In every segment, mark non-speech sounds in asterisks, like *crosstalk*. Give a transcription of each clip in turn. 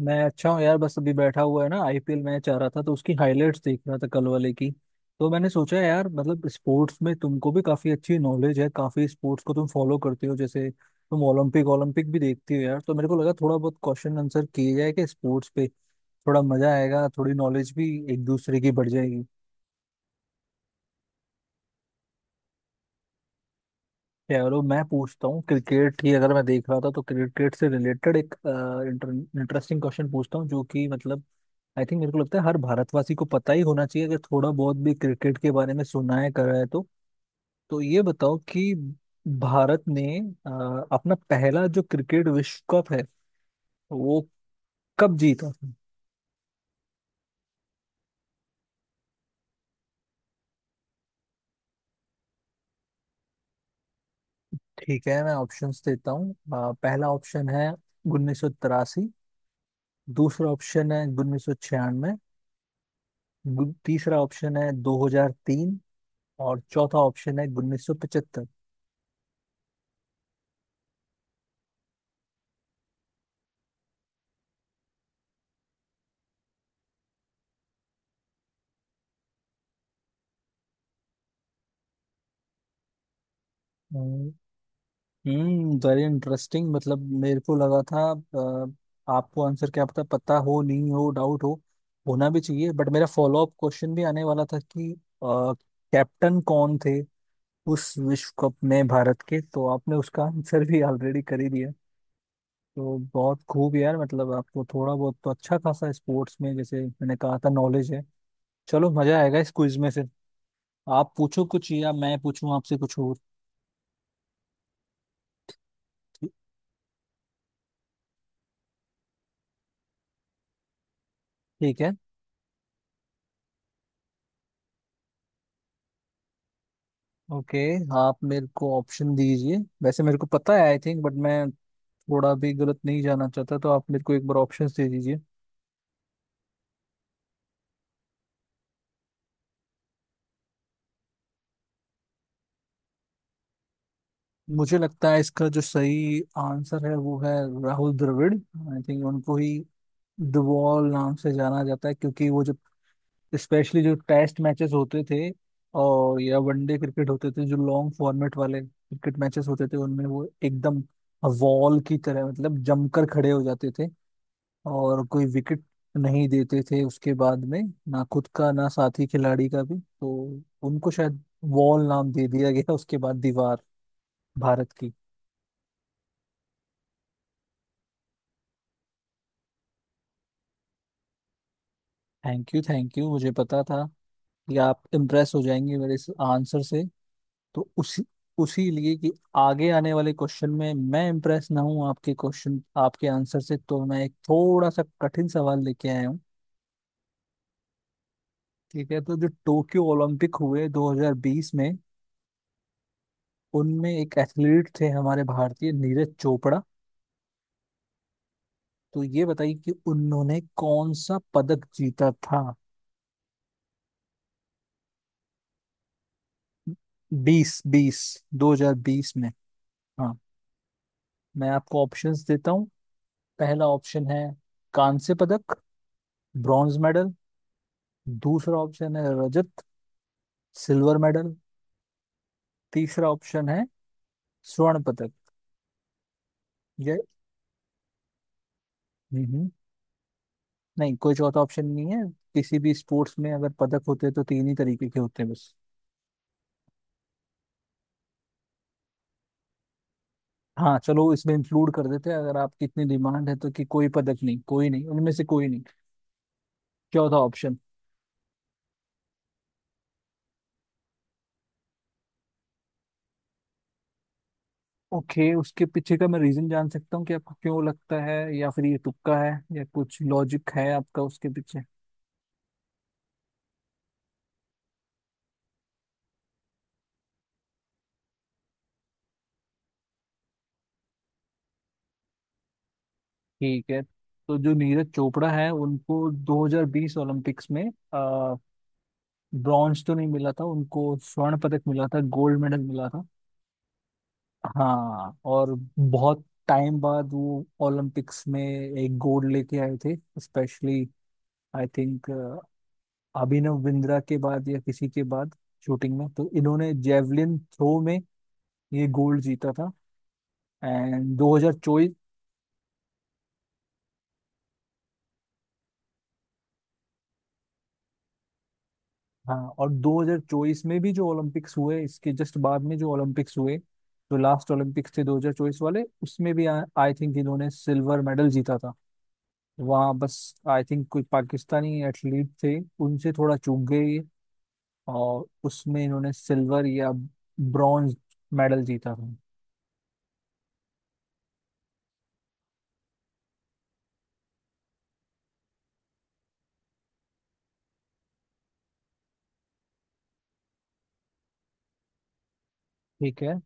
मैं अच्छा हूँ यार। बस अभी बैठा हुआ है ना, आईपीएल मैच आ रहा था तो उसकी हाइलाइट्स देख रहा था, कल वाले की। तो मैंने सोचा यार, मतलब स्पोर्ट्स में तुमको भी काफी अच्छी नॉलेज है, काफी स्पोर्ट्स को तुम फॉलो करते हो जैसे तुम ओलंपिक ओलंपिक भी देखती हो यार। तो मेरे को लगा थोड़ा बहुत क्वेश्चन आंसर किए जाए कि स्पोर्ट्स पे थोड़ा मजा आएगा, थोड़ी नॉलेज भी एक दूसरे की बढ़ जाएगी। चलो मैं पूछता हूँ। क्रिकेट ही अगर मैं देख रहा था तो क्रिकेट से रिलेटेड एक इंटरेस्टिंग क्वेश्चन पूछता हूँ, जो कि मतलब आई थिंक मेरे को लगता है हर भारतवासी को पता ही होना चाहिए अगर थोड़ा बहुत भी क्रिकेट के बारे में सुना है करा है तो ये बताओ कि भारत ने अपना पहला जो क्रिकेट विश्व कप है वो कब जीता था। ठीक है, मैं ऑप्शंस देता हूँ। पहला ऑप्शन है उन्नीस सौ तिरासी। दूसरा ऑप्शन है उन्नीस सौ छियानवे। तीसरा ऑप्शन है 2003। और चौथा ऑप्शन है उन्नीस सौ पचहत्तर। Very interesting. मतलब मेरे को लगा था अ, आपको आंसर क्या पता पता हो नहीं हो डाउट हो होना भी चाहिए, बट मेरा फॉलो अप क्वेश्चन भी आने वाला था कि कैप्टन कौन थे उस विश्व कप में भारत के, तो आपने उसका आंसर भी ऑलरेडी कर ही दिया। तो बहुत खूब यार, मतलब आपको थोड़ा बहुत तो अच्छा खासा स्पोर्ट्स में जैसे मैंने कहा था नॉलेज है। चलो मजा आएगा इस क्विज में फिर। आप पूछो कुछ या मैं पूछूं आपसे कुछ और। ठीक ठीक है। ओके आप मेरे को ऑप्शन दीजिए। वैसे मेरे को पता है आई थिंक, बट मैं थोड़ा भी गलत नहीं जाना चाहता, तो आप मेरे को एक बार ऑप्शन दे दीजिए। मुझे लगता है इसका जो सही आंसर है वो है राहुल द्रविड़, आई थिंक उनको ही द वॉल नाम से जाना जाता है क्योंकि वो जो स्पेशली जो टेस्ट मैचेस होते थे और या वनडे क्रिकेट होते थे, जो लॉन्ग फॉर्मेट वाले क्रिकेट मैचेस होते थे उनमें वो एकदम वॉल की तरह मतलब जमकर खड़े हो जाते थे, और कोई विकेट नहीं देते थे उसके बाद में, ना खुद का ना साथी खिलाड़ी का भी। तो उनको शायद वॉल नाम दे दिया गया *laughs* उसके बाद, दीवार भारत की। थैंक यू, थैंक यू, मुझे पता था कि आप इम्प्रेस हो जाएंगे मेरे इस आंसर से। तो उसी उसी लिए कि आगे आने वाले क्वेश्चन में मैं इम्प्रेस ना हूँ आपके क्वेश्चन आपके आंसर से, तो मैं एक थोड़ा सा कठिन सवाल लेके आया हूँ। ठीक है, तो जो टोक्यो ओलंपिक हुए 2020 में, उनमें एक एथलीट थे हमारे भारतीय नीरज चोपड़ा। तो ये बताइए कि उन्होंने कौन सा पदक जीता था। बीस बीस दो हजार बीस में। हाँ। मैं आपको ऑप्शंस देता हूँ। पहला ऑप्शन है कांस्य पदक, ब्रॉन्ज मेडल। दूसरा ऑप्शन है रजत, सिल्वर मेडल। तीसरा ऑप्शन है स्वर्ण पदक, ये। हम्म। नहीं, कोई चौथा ऑप्शन नहीं है। किसी भी स्पोर्ट्स में अगर पदक होते हैं तो तीन ही तरीके के होते हैं बस। हाँ चलो, इसमें इंक्लूड कर देते हैं अगर आपकी इतनी डिमांड है, तो कि कोई पदक नहीं, कोई नहीं, उनमें से कोई नहीं, चौथा ऑप्शन। ओके, उसके पीछे का मैं रीजन जान सकता हूँ कि आपको क्यों लगता है, या फिर ये तुक्का है या कुछ लॉजिक है आपका उसके पीछे। ठीक है। तो जो नीरज चोपड़ा है उनको 2020 ओलंपिक्स में ब्रॉन्ज तो नहीं मिला था, उनको स्वर्ण पदक मिला था, गोल्ड मेडल मिला था। हाँ, और बहुत टाइम बाद वो ओलंपिक्स में एक गोल्ड लेके आए थे specially, I think Abhinav Bindra के बाद या किसी के बाद शूटिंग में। तो इन्होंने जेवलिन थ्रो में ये गोल्ड जीता था। एंड 2024। हाँ, और 2024 में भी जो ओलंपिक्स हुए इसके जस्ट बाद में, जो ओलंपिक्स हुए जो लास्ट ओलंपिक्स थे 2024 वाले, उसमें भी आई थिंक इन्होंने सिल्वर मेडल जीता था। वहाँ बस आई थिंक कोई पाकिस्तानी एथलीट थे, उनसे थोड़ा चूक गए ये, और उसमें इन्होंने सिल्वर या ब्रॉन्ज मेडल जीता था। ठीक है।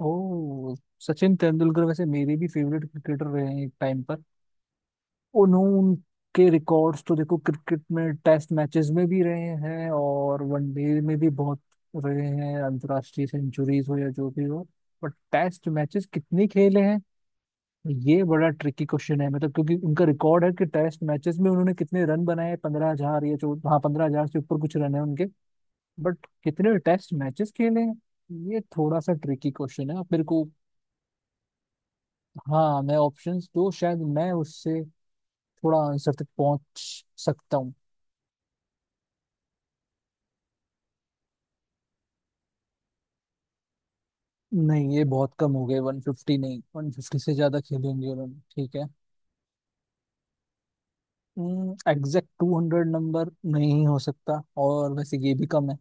ओ, सचिन तेंदुलकर वैसे मेरे भी फेवरेट क्रिकेटर रहे हैं एक टाइम पर। उन्होंने रिकॉर्ड्स तो देखो क्रिकेट में टेस्ट मैचेस में भी रहे हैं और वनडे में भी बहुत रहे हैं, अंतर्राष्ट्रीय सेंचुरीज हो या जो भी हो। बट टेस्ट मैचेस कितने खेले हैं, ये बड़ा ट्रिकी क्वेश्चन है। मतलब क्योंकि उनका रिकॉर्ड है कि टेस्ट मैचेस में उन्होंने कितने रन बनाए, पंद्रह हजार या चौदह, हाँ पंद्रह हजार से ऊपर कुछ रन है उनके। बट कितने टेस्ट मैचेस खेले हैं ये थोड़ा सा ट्रिकी क्वेश्चन है। आप मेरे को, हाँ, मैं ऑप्शंस दो शायद मैं उससे थोड़ा आंसर तक पहुंच सकता हूँ। नहीं ये बहुत कम हो गए, 150 नहीं, 150 से ज्यादा खेलेंगे उन्होंने, ठीक है। एग्जैक्ट 200 नंबर नहीं हो सकता, और वैसे ये भी कम है।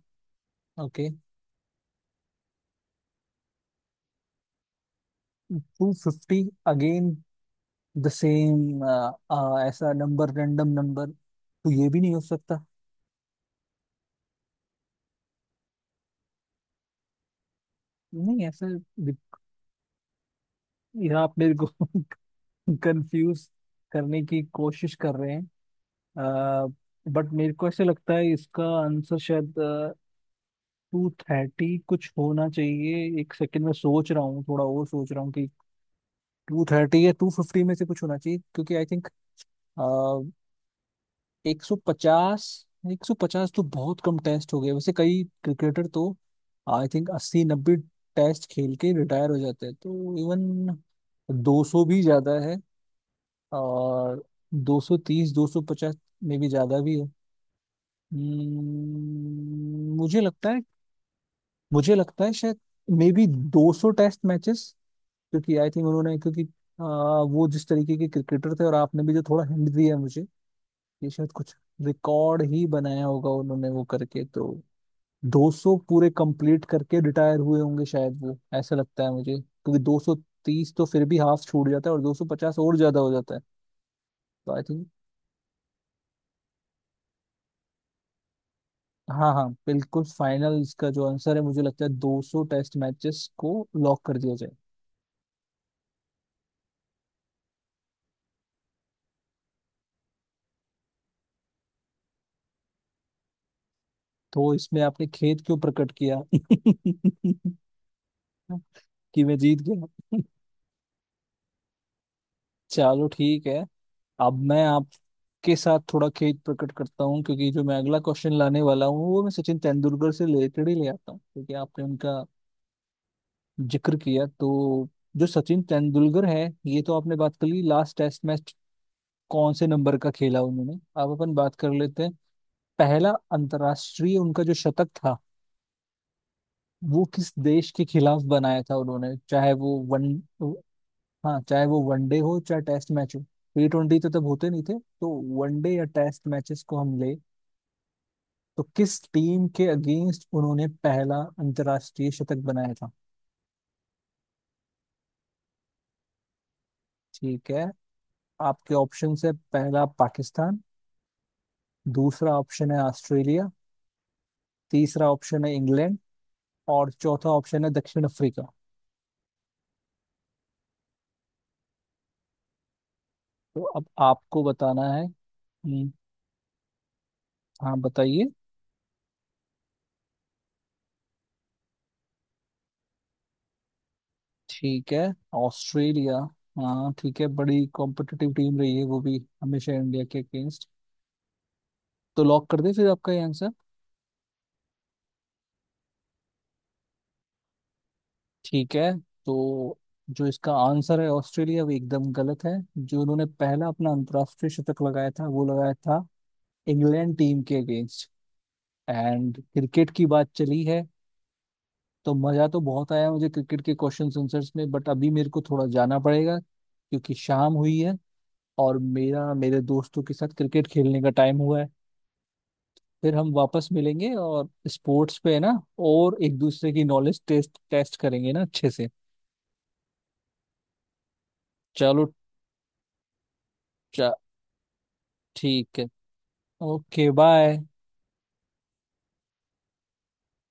ओके, 250 अगेन द सेम, ऐसा नंबर, रैंडम नंबर तो ये भी नहीं हो सकता। नहीं ऐसा भी- ये आप मेरे को *laughs* कंफ्यूज करने की कोशिश कर रहे हैं। बट मेरे को ऐसा लगता है इसका आंसर शायद टू थर्टी कुछ होना चाहिए। एक सेकंड में सोच रहा हूँ, थोड़ा और सोच रहा हूँ कि टू थर्टी या टू फिफ्टी में से कुछ होना चाहिए क्योंकि आई थिंक एक सौ पचास एक सौ पचास तो बहुत कम टेस्ट हो गए, वैसे कई क्रिकेटर तो आई थिंक अस्सी नब्बे टेस्ट खेल के रिटायर हो जाते हैं। तो इवन दो सौ भी ज्यादा है, और दो सौ तीस दो सौ पचास में भी ज्यादा भी है। मुझे लगता है, शायद मे बी दो सौ टेस्ट मैचेस, क्योंकि आई थिंक उन्होंने, क्योंकि वो जिस तरीके के क्रिकेटर थे, और आपने भी जो थोड़ा हिंट दिया है मुझे, ये शायद कुछ रिकॉर्ड ही बनाया होगा उन्होंने वो करके। तो 200 पूरे कंप्लीट करके रिटायर हुए होंगे शायद वो, ऐसा लगता है मुझे, क्योंकि 230 तो फिर भी हाफ छूट जाता है और 250 और ज्यादा हो जाता है, तो आई थिंक। हाँ हाँ बिल्कुल, फाइनल इसका जो आंसर है मुझे लगता है 200 टेस्ट मैचेस को लॉक कर दिया जाए। तो इसमें आपने खेद क्यों प्रकट किया *laughs* कि मैं जीत गया। चलो ठीक है। अब मैं आपके साथ थोड़ा खेद प्रकट करता हूँ क्योंकि जो मैं अगला क्वेश्चन लाने वाला हूँ वो मैं सचिन तेंदुलकर से रिलेटेड ही ले आता हूँ क्योंकि आपने उनका जिक्र किया। तो जो सचिन तेंदुलकर है, ये तो आपने बात कर ली लास्ट टेस्ट मैच कौन से नंबर का खेला उन्होंने। अब अपन बात कर लेते हैं पहला अंतर्राष्ट्रीय उनका जो शतक था वो किस देश के खिलाफ बनाया था उन्होंने। चाहे वो वन हाँ, चाहे वो वनडे हो चाहे टेस्ट मैच हो, टी ट्वेंटी तो तब होते नहीं थे, तो वनडे या टेस्ट मैचेस को हम ले। तो किस टीम के अगेंस्ट उन्होंने पहला अंतर्राष्ट्रीय शतक बनाया था। ठीक है, आपके ऑप्शन है पहला पाकिस्तान, दूसरा ऑप्शन है ऑस्ट्रेलिया, तीसरा ऑप्शन है इंग्लैंड, और चौथा ऑप्शन है दक्षिण अफ्रीका। तो अब आपको बताना है। हम्म, हाँ बताइए। ठीक है, ऑस्ट्रेलिया। हाँ ठीक है, बड़ी कॉम्पिटिटिव टीम रही है वो भी हमेशा इंडिया के अगेंस्ट। तो लॉक कर दे फिर आपका ये आंसर। ठीक है। तो जो इसका आंसर है ऑस्ट्रेलिया वो एकदम गलत है। जो उन्होंने पहला अपना अंतर्राष्ट्रीय शतक लगाया था वो लगाया था इंग्लैंड टीम के अगेंस्ट। एंड क्रिकेट की बात चली है तो मजा तो बहुत आया मुझे क्रिकेट के क्वेश्चन आंसर्स में, बट अभी मेरे को थोड़ा जाना पड़ेगा क्योंकि शाम हुई है और मेरा मेरे दोस्तों के साथ क्रिकेट खेलने का टाइम हुआ है। फिर हम वापस मिलेंगे और स्पोर्ट्स पे है ना, और एक दूसरे की नॉलेज टेस्ट टेस्ट करेंगे ना अच्छे से। चलो। ठीक है। Okay bye.